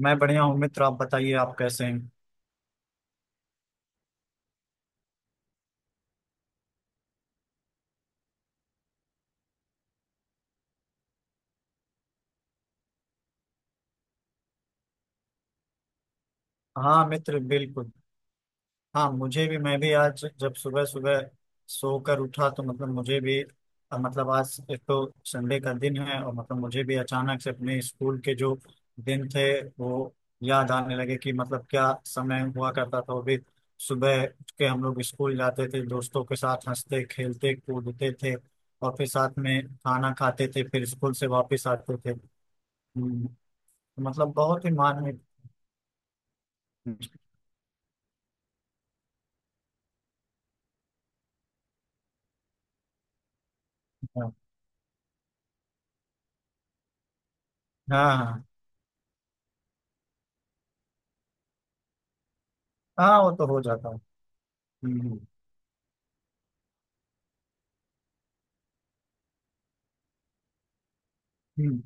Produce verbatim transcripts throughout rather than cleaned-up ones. मैं बढ़िया हूँ मित्र। आप बताइए, आप कैसे हैं। हाँ मित्र, बिल्कुल। हाँ, मुझे भी, मैं भी आज जब सुबह सुबह सोकर उठा तो मतलब मुझे भी अ, मतलब आज एक तो संडे का दिन है, और मतलब मुझे भी अचानक से अपने स्कूल के जो दिन थे वो याद आने लगे कि मतलब क्या समय हुआ करता था। वो भी सुबह उठ के हम लोग स्कूल जाते थे, दोस्तों के साथ हंसते खेलते कूदते थे, और फिर साथ में खाना खाते थे, फिर स्कूल से वापस आते थे। हम्म, मतलब बहुत ही माननीय। हाँ हाँ हाँ, हाँ। हाँ, वो तो हो जाता है। हम्म। हम्म।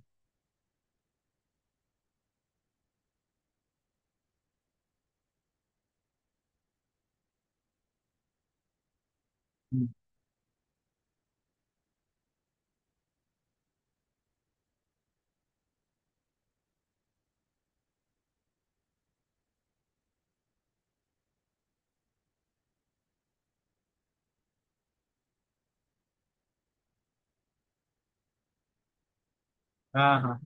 हम्म, हाँ, हाँ।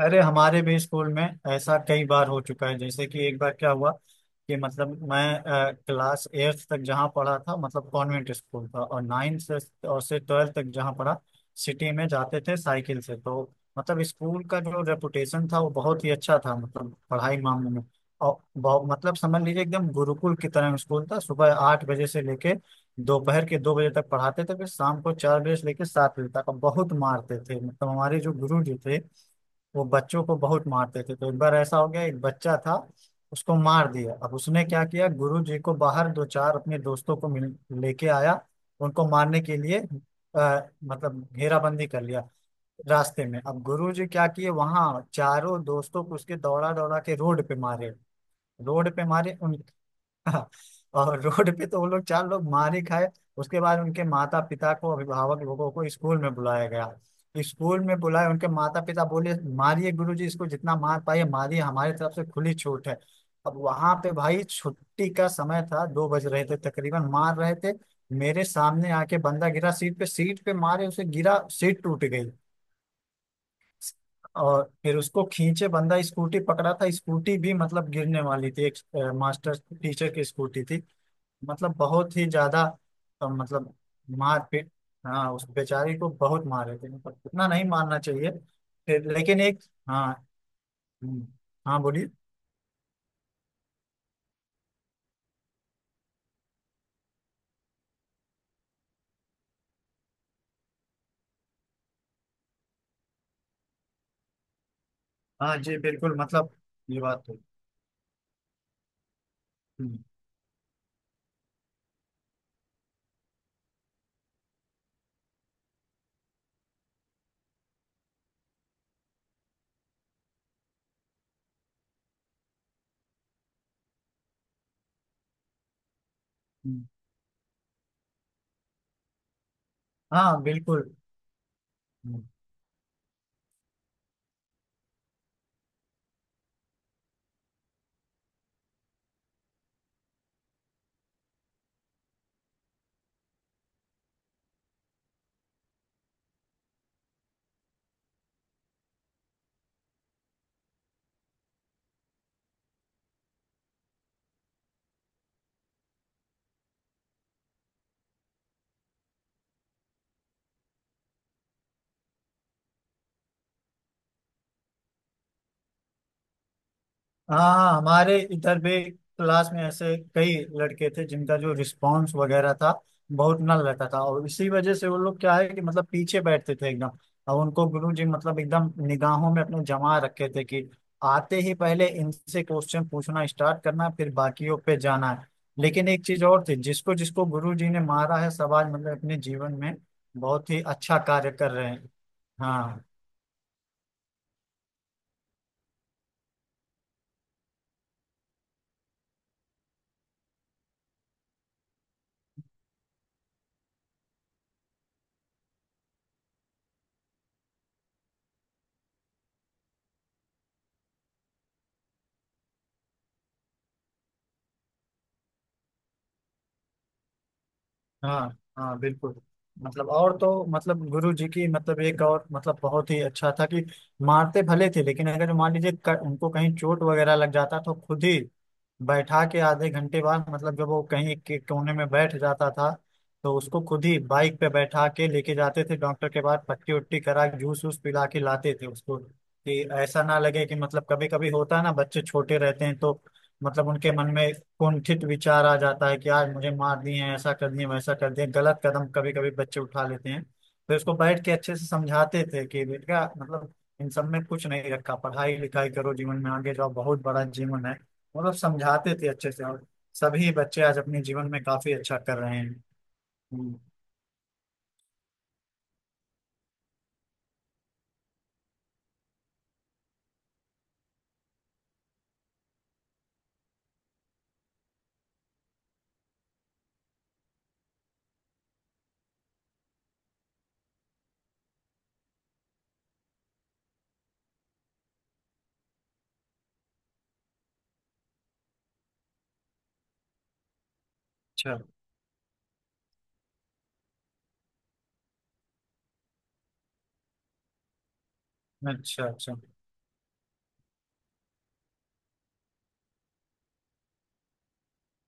अरे, हमारे भी स्कूल में ऐसा कई बार हो चुका है। जैसे कि एक बार क्या हुआ कि मतलब मैं अ, क्लास एट्थ तक जहाँ पढ़ा था मतलब कॉन्वेंट स्कूल था, और नाइन्थ से और से ट्वेल्थ तक जहाँ पढ़ा सिटी में जाते थे साइकिल से। तो मतलब स्कूल का जो रेपुटेशन था वो बहुत ही अच्छा था मतलब पढ़ाई मामले में। और बहुत मतलब समझ लीजिए एकदम गुरुकुल की तरह स्कूल था। सुबह आठ बजे से लेके दोपहर के दो बजे तक पढ़ाते थे, फिर शाम को चार बजे से लेके सात बजे तक। और बहुत मारते थे मतलब हमारे जो गुरु जी थे वो बच्चों को बहुत मारते थे। तो एक बार ऐसा हो गया, एक बच्चा था, उसको मार दिया। अब उसने क्या किया, गुरु जी को बाहर दो चार अपने दोस्तों को मिल लेके आया, उनको मारने के लिए। आ, मतलब घेराबंदी कर लिया रास्ते में। अब गुरु जी क्या किए, वहां चारों दोस्तों को उसके दौड़ा दौड़ा के रोड पे मारे, रोड पे मारे उन हाँ, और रोड पे तो वो लोग चार लोग मार ही खाए। उसके बाद उनके माता पिता को, अभिभावक लोगों को, स्कूल में बुलाया गया। स्कूल में बुलाए, उनके माता पिता बोले, मारिए गुरुजी इसको, जितना मार पाए मारिए, हमारी तरफ से खुली छूट है। अब वहां पे भाई छुट्टी का समय था, दो बज रहे थे तकरीबन, मार रहे थे। मेरे सामने आके बंदा गिरा, सीट पे, सीट पे मारे उसे, गिरा, सीट टूट गई। और फिर उसको खींचे, बंदा स्कूटी पकड़ा था, स्कूटी भी मतलब गिरने वाली थी, एक अ, मास्टर टीचर की स्कूटी थी। मतलब बहुत ही ज्यादा अ, मतलब मार पीट। हाँ, उस बेचारी को बहुत मारे थे, मतलब इतना नहीं मारना चाहिए। फिर लेकिन एक, हाँ, हम्म, हाँ बोलिए। हाँ जी बिल्कुल मतलब ये बात तो। हम्म, हम्म, हाँ बिल्कुल। हाँ, हमारे इधर भी क्लास में ऐसे कई लड़के थे जिनका जो रिस्पांस वगैरह था बहुत नल रहता था, और इसी वजह से वो लोग क्या है कि मतलब पीछे बैठते थे एकदम। और उनको गुरु जी मतलब एकदम निगाहों में अपने जमा रखे थे कि आते ही पहले इनसे क्वेश्चन पूछना स्टार्ट करना फिर बाकियों पे जाना है। लेकिन एक चीज और थी, जिसको जिसको गुरु जी ने मारा है, सब आज मतलब अपने जीवन में बहुत ही अच्छा कार्य कर रहे हैं। हाँ, हाँ, हाँ बिल्कुल मतलब। और तो मतलब गुरु जी की, मतलब एक और मतलब बहुत ही अच्छा था कि मारते भले थे, लेकिन अगर मान लीजिए क- उनको कहीं चोट वगैरह लग जाता तो खुद ही बैठा के आधे घंटे बाद, मतलब जब वो कहीं एक एक कोने में बैठ जाता था, तो उसको खुद ही बाइक पे बैठा के लेके जाते थे डॉक्टर के पास, पट्टी उट्टी करा के जूस वूस पिला के लाते थे उसको, कि ऐसा ना लगे कि मतलब, कभी कभी होता है ना बच्चे छोटे रहते हैं तो मतलब उनके मन में कुंठित विचार आ जाता है कि आज मुझे मार दिए हैं, ऐसा कर दिए, वैसा कर दिए, गलत कदम कभी कभी बच्चे उठा लेते हैं। तो इसको बैठ के अच्छे से समझाते थे कि बेटा मतलब इन सब में कुछ नहीं रखा, पढ़ाई लिखाई करो, जीवन में आगे जाओ, बहुत बड़ा जीवन है। मतलब समझाते थे अच्छे से, और सभी बच्चे आज अपने जीवन में काफी अच्छा कर रहे हैं। हम्म, अच्छा, अच्छा, अच्छा।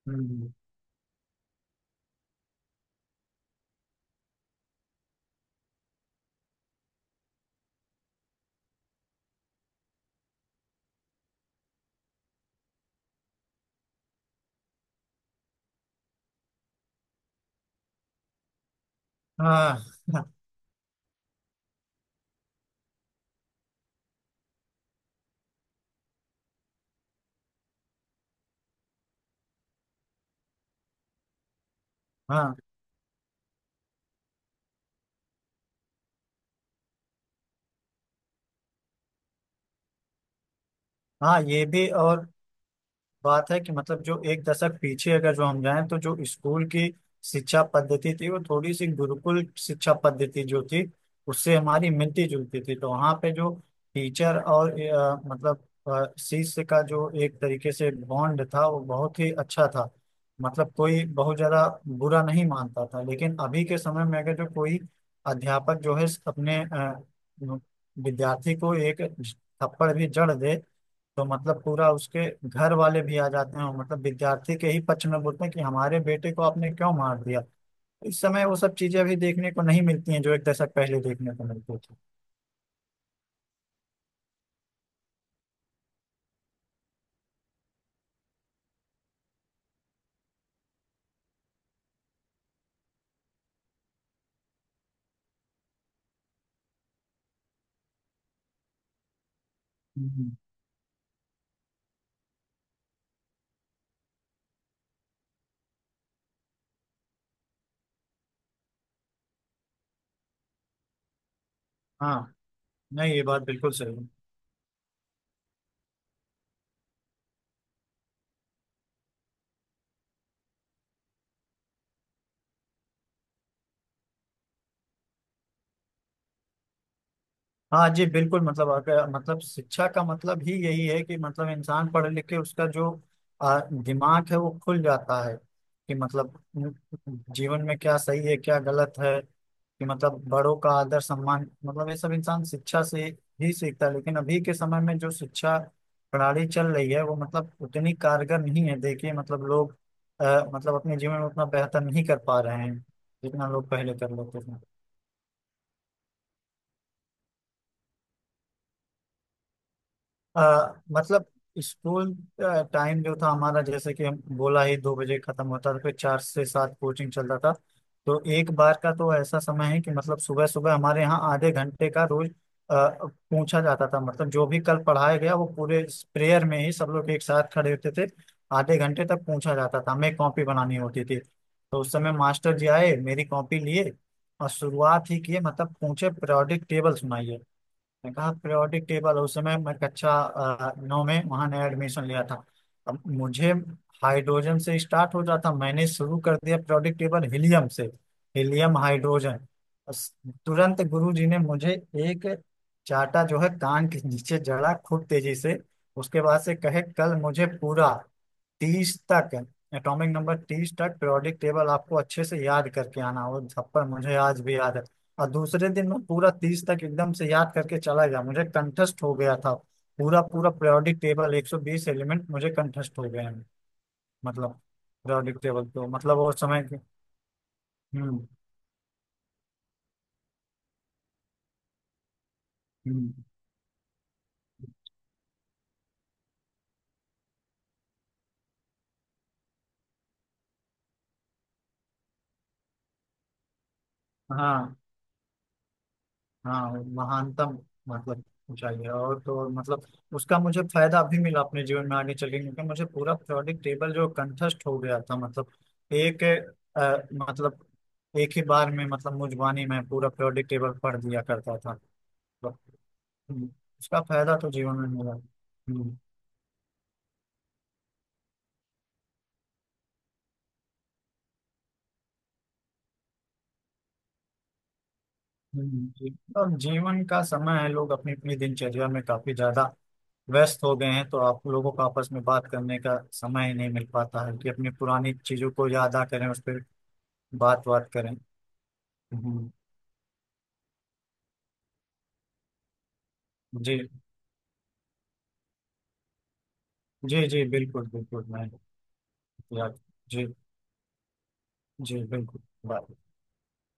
हम्म, हाँ हाँ। हाँ, ये भी और बात है कि मतलब जो एक दशक पीछे अगर जो हम जाएं तो जो स्कूल की शिक्षा पद्धति थी वो थोड़ी सी गुरुकुल शिक्षा पद्धति जो थी उससे हमारी मिलती जुलती थी। तो वहाँ पे जो टीचर और अ, मतलब अ, शिष्य का जो एक तरीके से बॉन्ड था वो बहुत ही अच्छा था। मतलब कोई बहुत ज्यादा बुरा नहीं मानता था। लेकिन अभी के समय में अगर जो कोई अध्यापक जो है अपने अ, विद्यार्थी को एक थप्पड़ भी जड़ दे तो मतलब पूरा उसके घर वाले भी आ जाते हैं, और मतलब विद्यार्थी के ही पक्ष में बोलते हैं कि हमारे बेटे को आपने क्यों मार दिया। इस समय वो सब चीजें अभी देखने को नहीं मिलती हैं जो एक दशक पहले देखने को मिलती थी। हम्म। हाँ। नहीं, ये बात बिल्कुल सही है। हाँ जी बिल्कुल मतलब, अगर मतलब शिक्षा का मतलब ही यही है कि मतलब इंसान पढ़ लिख के उसका जो आ, दिमाग है वो खुल जाता है कि मतलब उम, जीवन में क्या सही है क्या गलत है, कि मतलब बड़ों का आदर सम्मान, मतलब ये सब इंसान शिक्षा से ही सीखता है। लेकिन अभी के समय में जो शिक्षा प्रणाली चल रही है वो मतलब उतनी कारगर नहीं है। देखिए मतलब लोग आ, मतलब अपने जीवन में उतना बेहतर नहीं कर पा रहे हैं जितना लोग पहले कर लेते थे। आ, मतलब स्कूल टाइम जो था हमारा, जैसे कि हम बोला ही, दो बजे खत्म होता था फिर चार से सात कोचिंग चलता था। तो एक बार का तो ऐसा समय है कि मतलब सुबह सुबह हमारे यहाँ आधे घंटे का रोज आ, पूछा जाता था मतलब जो भी कल पढ़ाया गया वो पूरे प्रेयर में ही सब लोग एक साथ खड़े होते थे। आधे घंटे तक पूछा जाता था, हमें कॉपी बनानी होती थी। तो उस समय मास्टर जी आए, मेरी कॉपी लिए, और शुरुआत ही किए, मतलब पूछे, periodic टेबल सुनाइए। मैंने कहा पीरियोडिक टेबल उस समय, मैं कक्षा अ, नौ में वहां नया एडमिशन लिया था। अब मुझे हाइड्रोजन से स्टार्ट हो जाता, मैंने शुरू कर दिया पीरियोडिक टेबल हीलियम से। हीलियम, हाइड्रोजन, बस। तुरंत गुरु जी ने मुझे एक चाटा जो है कान के नीचे जड़ा खूब तेजी से। उसके बाद से कहे कल मुझे पूरा तीस तक, एटॉमिक नंबर तीस तक, पीरियोडिक टेबल आपको अच्छे से याद करके आना। वो थप्पड़ मुझे आज भी याद है। और दूसरे दिन मैं पूरा तीस तक एकदम से याद करके चला गया, मुझे कंठस्थ हो गया था। पूरा पूरा पीरियोडिक टेबल एक सौ बीस एलिमेंट मुझे कंठस्थ हो गए हैं। मतलब पीरियोडिक टेबल तो मतलब वो समय के। हम्म। हम्म। हाँ। हाँ, वो महानतम मतलब ऊंचाई है। और तो और मतलब उसका मुझे फायदा अभी मिला अपने जीवन में आगे चल के, क्योंकि मुझे पूरा पीरियोडिक टेबल जो कंठस्थ हो गया था, मतलब एक अ, मतलब एक ही बार में मतलब मुझ वाणी में पूरा पीरियोडिक टेबल पढ़ दिया करता था। हम्म, इसका फायदा तो जीवन में मिला है। हम्म, हम्म, जी। और जीवन का समय है, लोग अपनी अपनी दिनचर्या में काफी ज्यादा व्यस्त हो गए हैं तो आप लोगों को आपस में बात करने का समय ही नहीं मिल पाता है कि अपनी पुरानी चीजों को याद आ करें, उस पर बात बात करें। हम्म, जी। जी जी बिल्कुल, बिल्कुल। मैं याद। जी। जी बिल्कुल। बाय।